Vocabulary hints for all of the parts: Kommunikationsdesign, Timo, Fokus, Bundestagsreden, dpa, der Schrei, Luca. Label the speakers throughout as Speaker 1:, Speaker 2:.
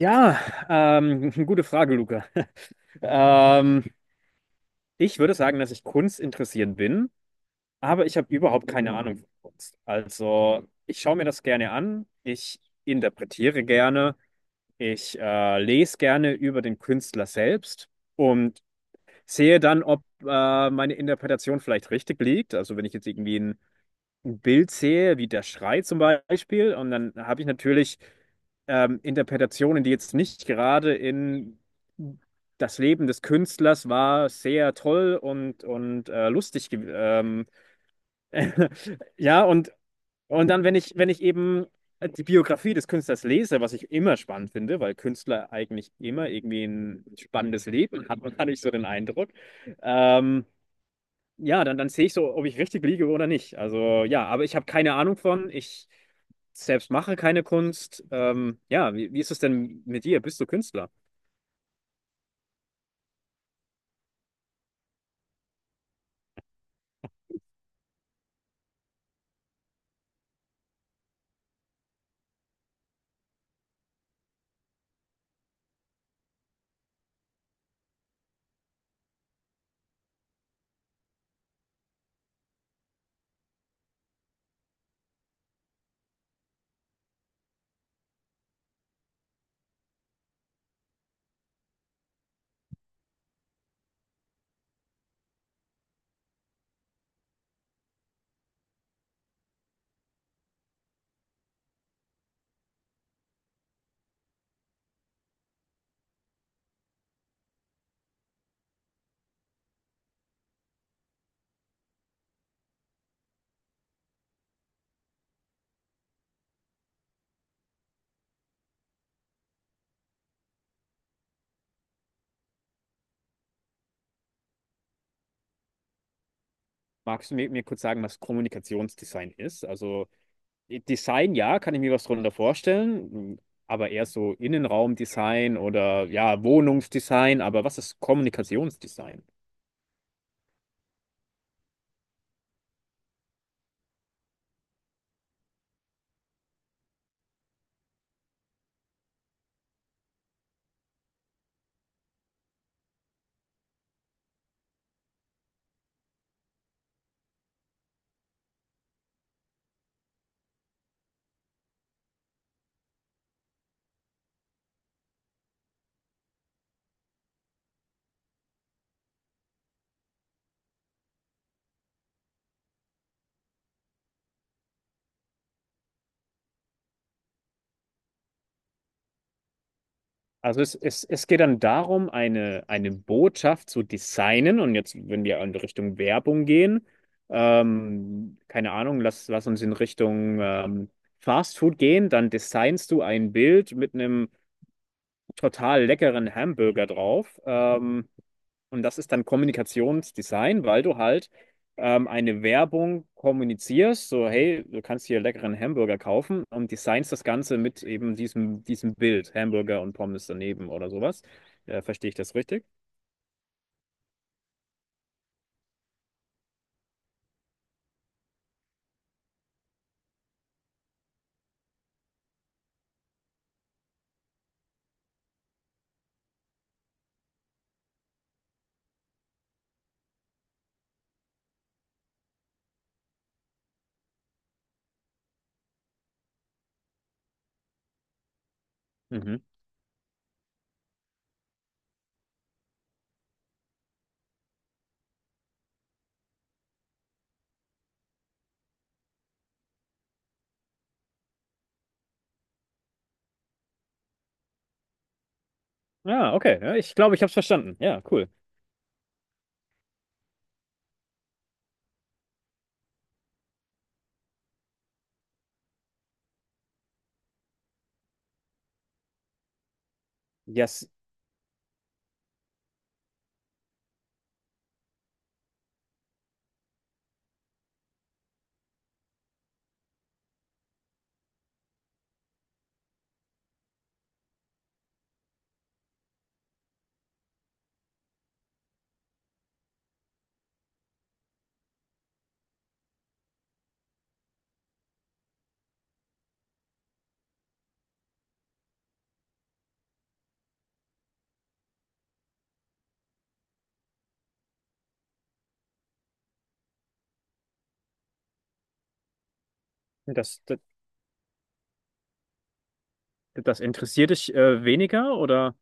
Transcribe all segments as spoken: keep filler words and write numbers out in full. Speaker 1: Ja, ähm, gute Frage, Luca. Ähm, ich würde sagen, dass ich Kunst interessiert bin, aber ich habe überhaupt keine Ahnung von Kunst. Also, ich schaue mir das gerne an, ich interpretiere gerne, ich äh, lese gerne über den Künstler selbst und sehe dann, ob äh, meine Interpretation vielleicht richtig liegt. Also, wenn ich jetzt irgendwie ein ein Bild sehe, wie der Schrei zum Beispiel, und dann habe ich natürlich ähm, Interpretationen, die jetzt nicht gerade in das Leben des Künstlers war sehr toll und, und äh, lustig. ge- Ähm, ja, und, und dann, wenn ich, wenn ich eben die Biografie des Künstlers lese, was ich immer spannend finde, weil Künstler eigentlich immer irgendwie ein spannendes Leben hatten, hatte ich so den Eindruck. Ähm, ja, dann, dann sehe ich so, ob ich richtig liege oder nicht. Also ja, aber ich habe keine Ahnung von. Ich selbst mache keine Kunst. Ähm, ja, wie, wie ist es denn mit dir? Bist du Künstler? Magst du mir, mir kurz sagen, was Kommunikationsdesign ist? Also i- Design, ja, kann ich mir was drunter vorstellen, m, aber eher so Innenraumdesign oder ja, Wohnungsdesign. Aber was ist Kommunikationsdesign? Also es, es, es geht dann darum, eine, eine Botschaft zu designen. Und jetzt, wenn wir in Richtung Werbung gehen, ähm, keine Ahnung, lass, lass uns in Richtung ähm, Fast Food gehen, dann designst du ein Bild mit einem total leckeren Hamburger drauf. Ähm, und das ist dann Kommunikationsdesign, weil du halt ähm, eine Werbung kommunizierst, so hey, du kannst hier leckeren Hamburger kaufen und designst das Ganze mit eben diesem, diesem Bild, Hamburger und Pommes daneben oder sowas. Äh, verstehe ich das richtig? Mhm. Ja, okay. Ja, ich glaube, ich habe es verstanden. Ja, cool. Yes, das, das, das interessiert dich äh, weniger oder?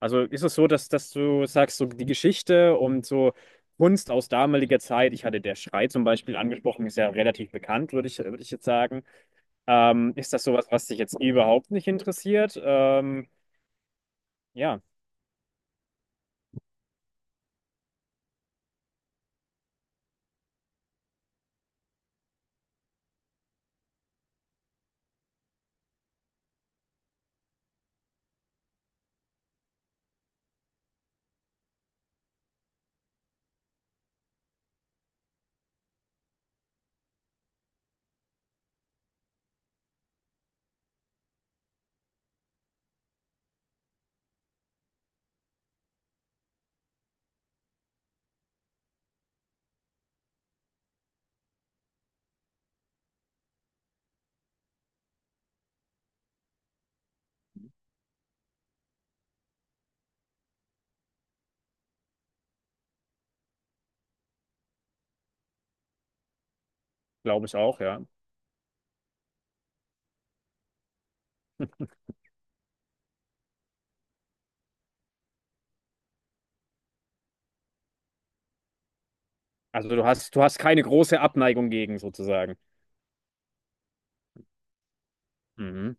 Speaker 1: Also ist es so, dass, dass du sagst, so die Geschichte und so Kunst aus damaliger Zeit, ich hatte der Schrei zum Beispiel angesprochen, ist ja relativ bekannt, würde ich, würde ich jetzt sagen. Ähm, ist das sowas, was dich jetzt überhaupt nicht interessiert? Ähm, ja, glaube ich auch, ja. Also du hast, du hast keine große Abneigung gegen sozusagen. Mhm.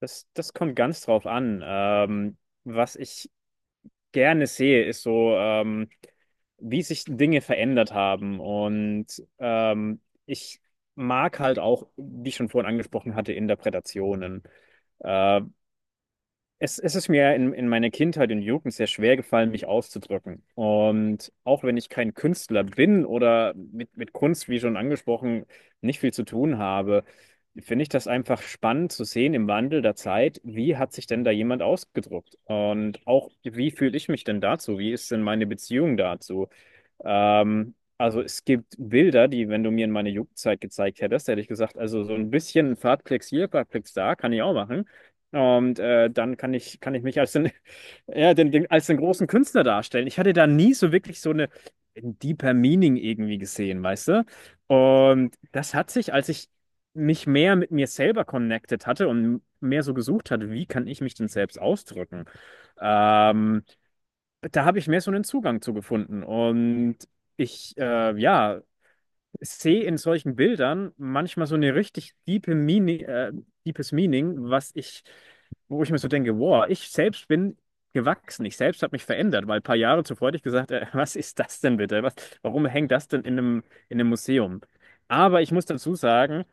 Speaker 1: Das, das kommt ganz drauf an. Ähm, was ich gerne sehe, ist so. Ähm, wie sich Dinge verändert haben. Und ähm, ich mag halt auch, wie ich schon vorhin angesprochen hatte, Interpretationen. Äh, es, es ist mir in, in meiner Kindheit und Jugend sehr schwer gefallen, mich auszudrücken. Und auch wenn ich kein Künstler bin oder mit, mit Kunst, wie schon angesprochen, nicht viel zu tun habe, finde ich das einfach spannend zu sehen im Wandel der Zeit, wie hat sich denn da jemand ausgedrückt? Und auch, wie fühle ich mich denn dazu? Wie ist denn meine Beziehung dazu? Ähm, also es gibt Bilder, die, wenn du mir in meine Jugendzeit gezeigt hättest, hätte ich gesagt, also so ein bisschen Fahrtplex hier, Fahrtplex da, kann ich auch machen. Und äh, dann kann ich, kann ich mich als den, ja, den, den, als den großen Künstler darstellen. Ich hatte da nie so wirklich so eine ein deeper Meaning irgendwie gesehen, weißt du? Und das hat sich, als ich mich mehr mit mir selber connected hatte und mehr so gesucht hatte, wie kann ich mich denn selbst ausdrücken? Ähm, da habe ich mehr so einen Zugang zu gefunden. Und ich, äh, ja, sehe in solchen Bildern manchmal so eine richtig diepe Meaning, äh, deepes Meaning, was ich, wo ich mir so denke, wow, ich selbst bin gewachsen, ich selbst habe mich verändert, weil ein paar Jahre zuvor hätte ich gesagt, äh, was ist das denn bitte? Was, warum hängt das denn in einem, in einem Museum? Aber ich muss dazu sagen,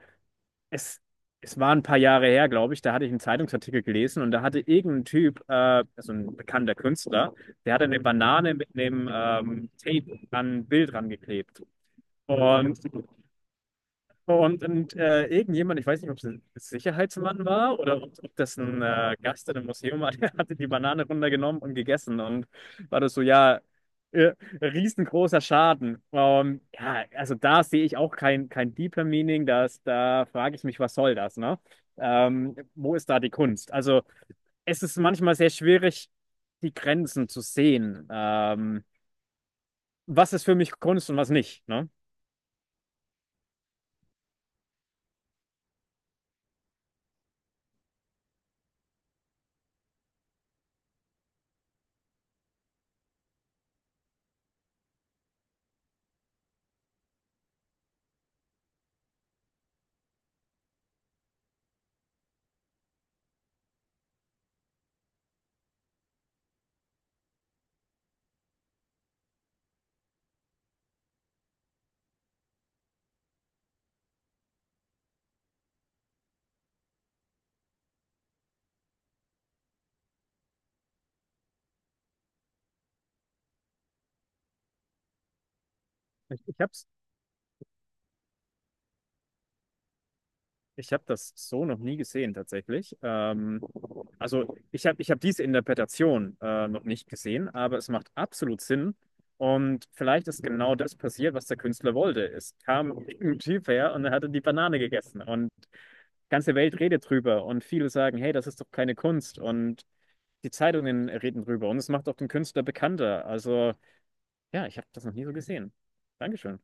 Speaker 1: es, es war ein paar Jahre her, glaube ich, da hatte ich einen Zeitungsartikel gelesen und da hatte irgendein Typ, äh, also ein bekannter Künstler, der hatte eine Banane mit einem ähm, Tape an ein Bild rangeklebt. Und und, und äh, irgendjemand, ich weiß nicht, ob es ein Sicherheitsmann war oder ob, ob das ein äh, Gast in einem Museum war, der hatte die Banane runtergenommen und gegessen. Und war das so, ja, äh, riesengroßer Schaden. Ähm, ja, also da sehe ich auch kein, kein deeper Meaning. Das, da frage ich mich, was soll das, ne? Ähm, wo ist da die Kunst? Also es ist manchmal sehr schwierig, die Grenzen zu sehen. Ähm, was ist für mich Kunst und was nicht, ne? Ich, ich habe Ich habe das so noch nie gesehen tatsächlich. Ähm, also ich habe ich hab diese Interpretation äh, noch nicht gesehen, aber es macht absolut Sinn. Und vielleicht ist genau das passiert, was der Künstler wollte. Es kam ein Typ her und er hatte die Banane gegessen. Und die ganze Welt redet drüber. Und viele sagen, hey, das ist doch keine Kunst. Und die Zeitungen reden drüber. Und es macht auch den Künstler bekannter. Also ja, ich habe das noch nie so gesehen. Dankeschön.